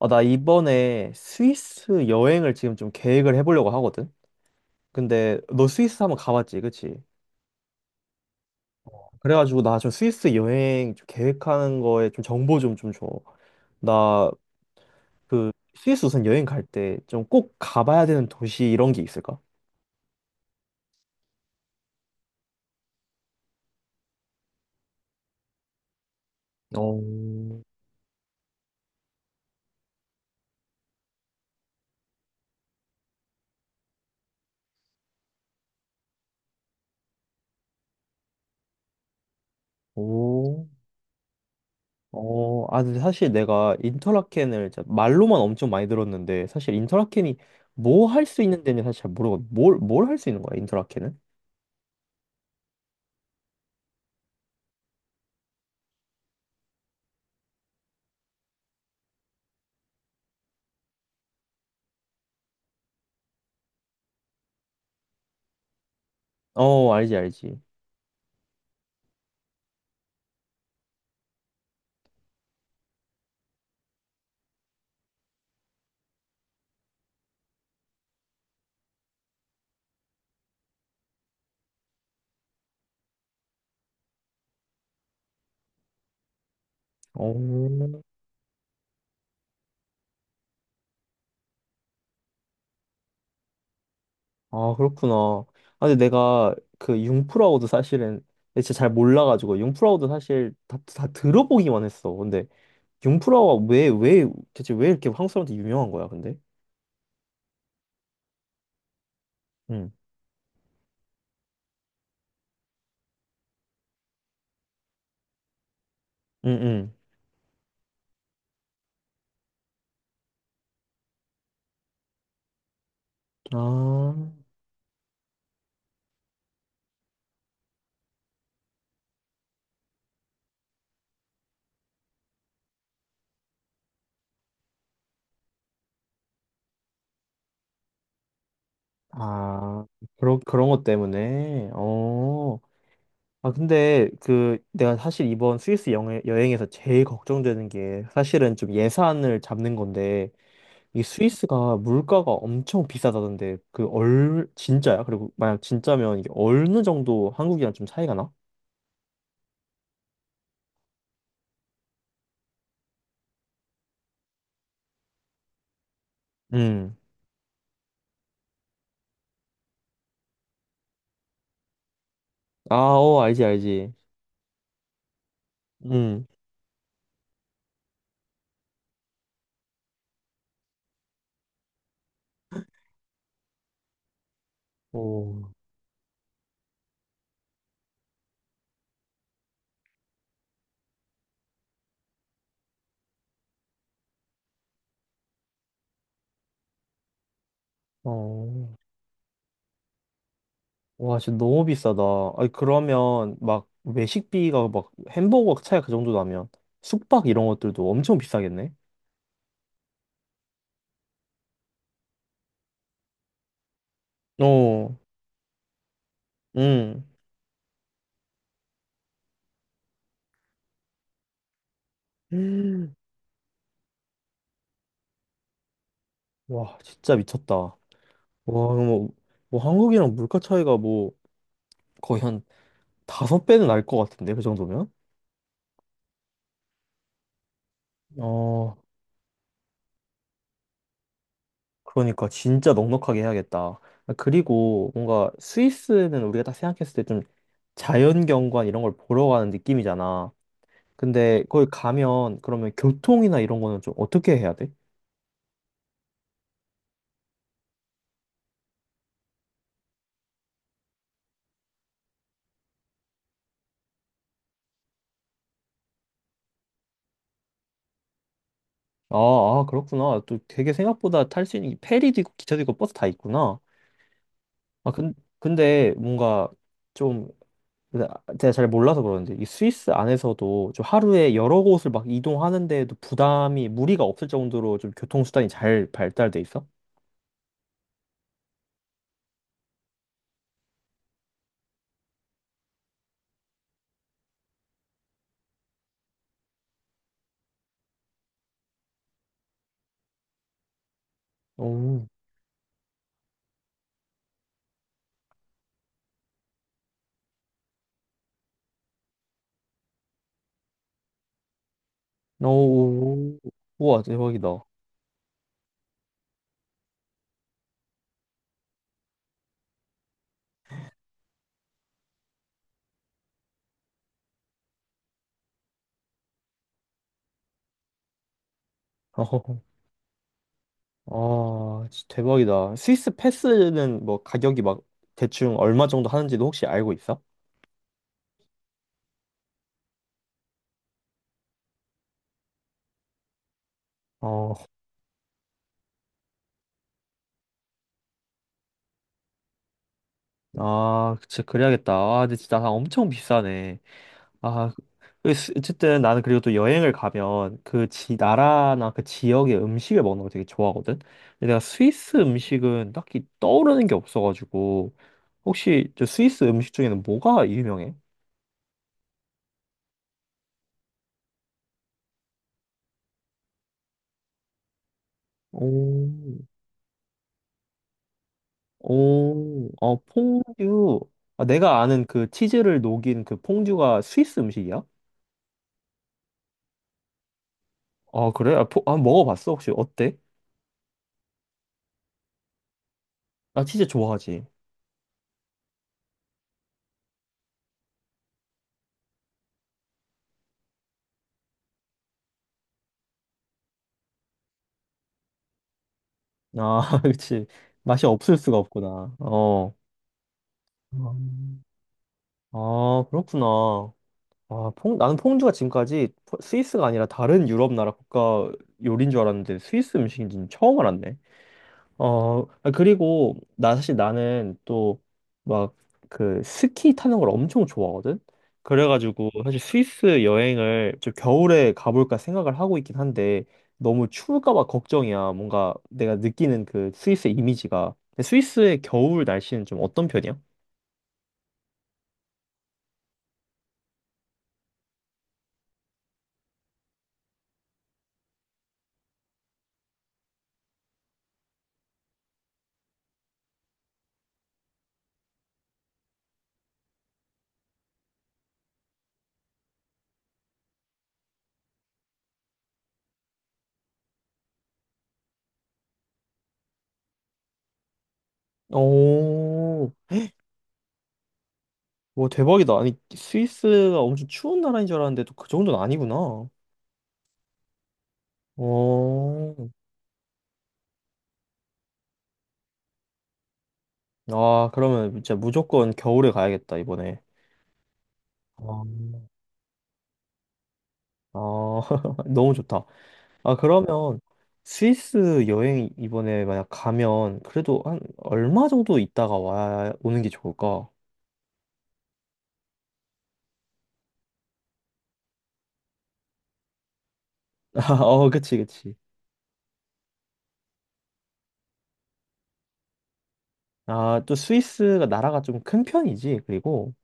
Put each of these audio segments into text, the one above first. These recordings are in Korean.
아, 나 이번에 스위스 여행을 지금 좀 계획을 해보려고 하거든? 근데 너 스위스 한번 가봤지, 그치? 그래가지고 나 좀 스위스 여행 좀 계획하는 거에 좀 정보 좀 줘. 나 그 스위스 우선 여행 갈 때 좀 꼭 가봐야 되는 도시 이런 게 있을까? 어, 오, 어, 아, 근데 사실 내가 인터라켄을 진짜 말로만 엄청 많이 들었는데 사실 인터라켄이 뭐 할 수 있는 데는 사실 잘 모르거든. 뭘 할 수 있는 거야, 인터라켄은? 어, 알지, 알지. 오, 아, 그렇구나. 아, 근데 내가 그 융프라우드 사실은 진짜 잘 몰라가지고 융프라우드 사실 다 들어보기만 했어. 근데 융프라우가 대체 왜 이렇게 한국 사람한테 유명한 거야, 근데? 응, 응, 응. 아, 아, 그런 것 때문에. 어. 아, 근데 그 내가 사실 이번 스위스 여 여행에서 제일 걱정되는 게 사실은 좀 예산을 잡는 건데 이 스위스가 물가가 엄청 비싸다던데 그 얼 진짜야? 그리고 만약 진짜면 이게 어느 정도 한국이랑 좀 차이가 나? 음. 아, 어, 알지, 알지. 음. 오. 어. 와, 진짜 너무 비싸다. 아니, 그러면 막 외식비가 막 햄버거 차이가 그 정도 나면 숙박 이런 것들도 엄청 비싸겠네? 어. 음. 음. 와, 진짜 미쳤다. 와, 뭐, 뭐 한국이랑 물가 차이가 뭐 거의 한 다섯 배는 날 것 같은데, 그 정도면? 어, 그러니까 진짜 넉넉하게 해야겠다. 그리고 뭔가 스위스는 우리가 딱 생각했을 때 좀 자연경관 이런 걸 보러 가는 느낌이잖아. 근데 거기 가면 그러면 교통이나 이런 거는 좀 어떻게 해야 돼? 아, 아, 그렇구나. 또 되게 생각보다 탈 수 있는 게 페리도 있고 기차도 있고 버스 다 있구나. 아, 근데 뭔가 좀 제가 잘 몰라서 그러는데 이 스위스 안에서도 좀 하루에 여러 곳을 막 이동하는데도 부담이 무리가 없을 정도로 좀 교통수단이 잘 발달돼 있어? 오, 오, 우와, 대박이다. 아, 진짜 대박이다. 스위스 패스는 뭐 가격이 막 대충 얼마 정도 하는지도 혹시 알고 있어? 어, 아, 진짜 그래야겠다. 아, 근데 진짜 다 엄청 비싸네. 아, 그- 어쨌든 나는 그리고 또 여행을 가면 그 지 나라나 그 지역의 음식을 먹는 거 되게 좋아하거든. 근데 내가 스위스 음식은 딱히 떠오르는 게 없어가지고 혹시 저 스위스 음식 중에는 뭐가 유명해? 오, 오, 어, 퐁듀. 아, 내가 아는 그 치즈를 녹인 그 퐁듀가 스위스 음식이야? 아, 그래? 아, 아, 먹어봤어? 혹시 어때? 나 치즈 좋아하지. 아, 그치. 맛이 없을 수가 없구나. 어. 음. 아, 그렇구나. 아, 나는 퐁듀가 지금까지 스위스가 아니라 다른 유럽 나라 국가 요리인 줄 알았는데 스위스 음식인지는 처음 알았네. 어, 아, 그리고 나 사실 나는 또 막 그 스키 타는 걸 엄청 좋아하거든. 그래가지고 사실 스위스 여행을 좀 겨울에 가볼까 생각을 하고 있긴 한데 너무 추울까 봐 걱정이야. 뭔가 내가 느끼는 그 스위스의 이미지가. 근데 스위스의 겨울 날씨는 좀 어떤 편이야? 오. 오, 대박이다. 아니, 스위스가 엄청 추운 나라인 줄 알았는데 또 그 정도는 아니구나. 어. 아, 그러면 진짜 무조건 겨울에 가야겠다, 이번에. 아, 아, 너무 좋다. 아, 그러면 스위스 여행 이번에 만약 가면 그래도 한 얼마 정도 있다가 오는 게 좋을까? 어, 그치, 그치. 아, 또 스위스가 나라가 좀 큰 편이지, 그리고.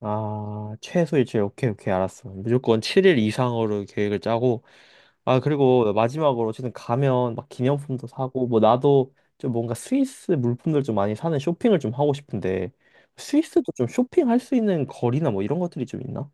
아, 최소 일주일. 오케이, 오케이. 알았어. 무조건 7일 이상으로 계획을 짜고. 아, 그리고 마지막으로 어쨌든 가면 막 기념품도 사고, 뭐 나도 좀 뭔가 스위스 물품들 좀 많이 사는 쇼핑을 좀 하고 싶은데, 스위스도 좀 쇼핑할 수 있는 거리나 뭐 이런 것들이 좀 있나?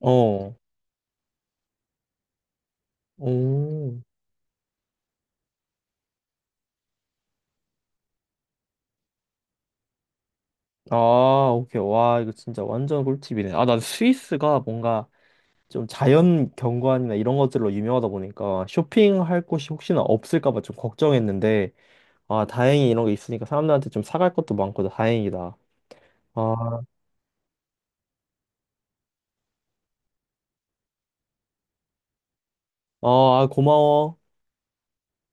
어. 오. 아, 오케이. 와, 이거 진짜 완전 꿀팁이네. 아, 난 스위스가 뭔가 좀 자연 경관이나 이런 것들로 유명하다 보니까 쇼핑할 곳이 혹시나 없을까 봐 좀 걱정했는데, 아, 다행히 이런 게 있으니까 사람들한테 좀 사갈 것도 많고 다행이다. 아, 아, 아, 고마워.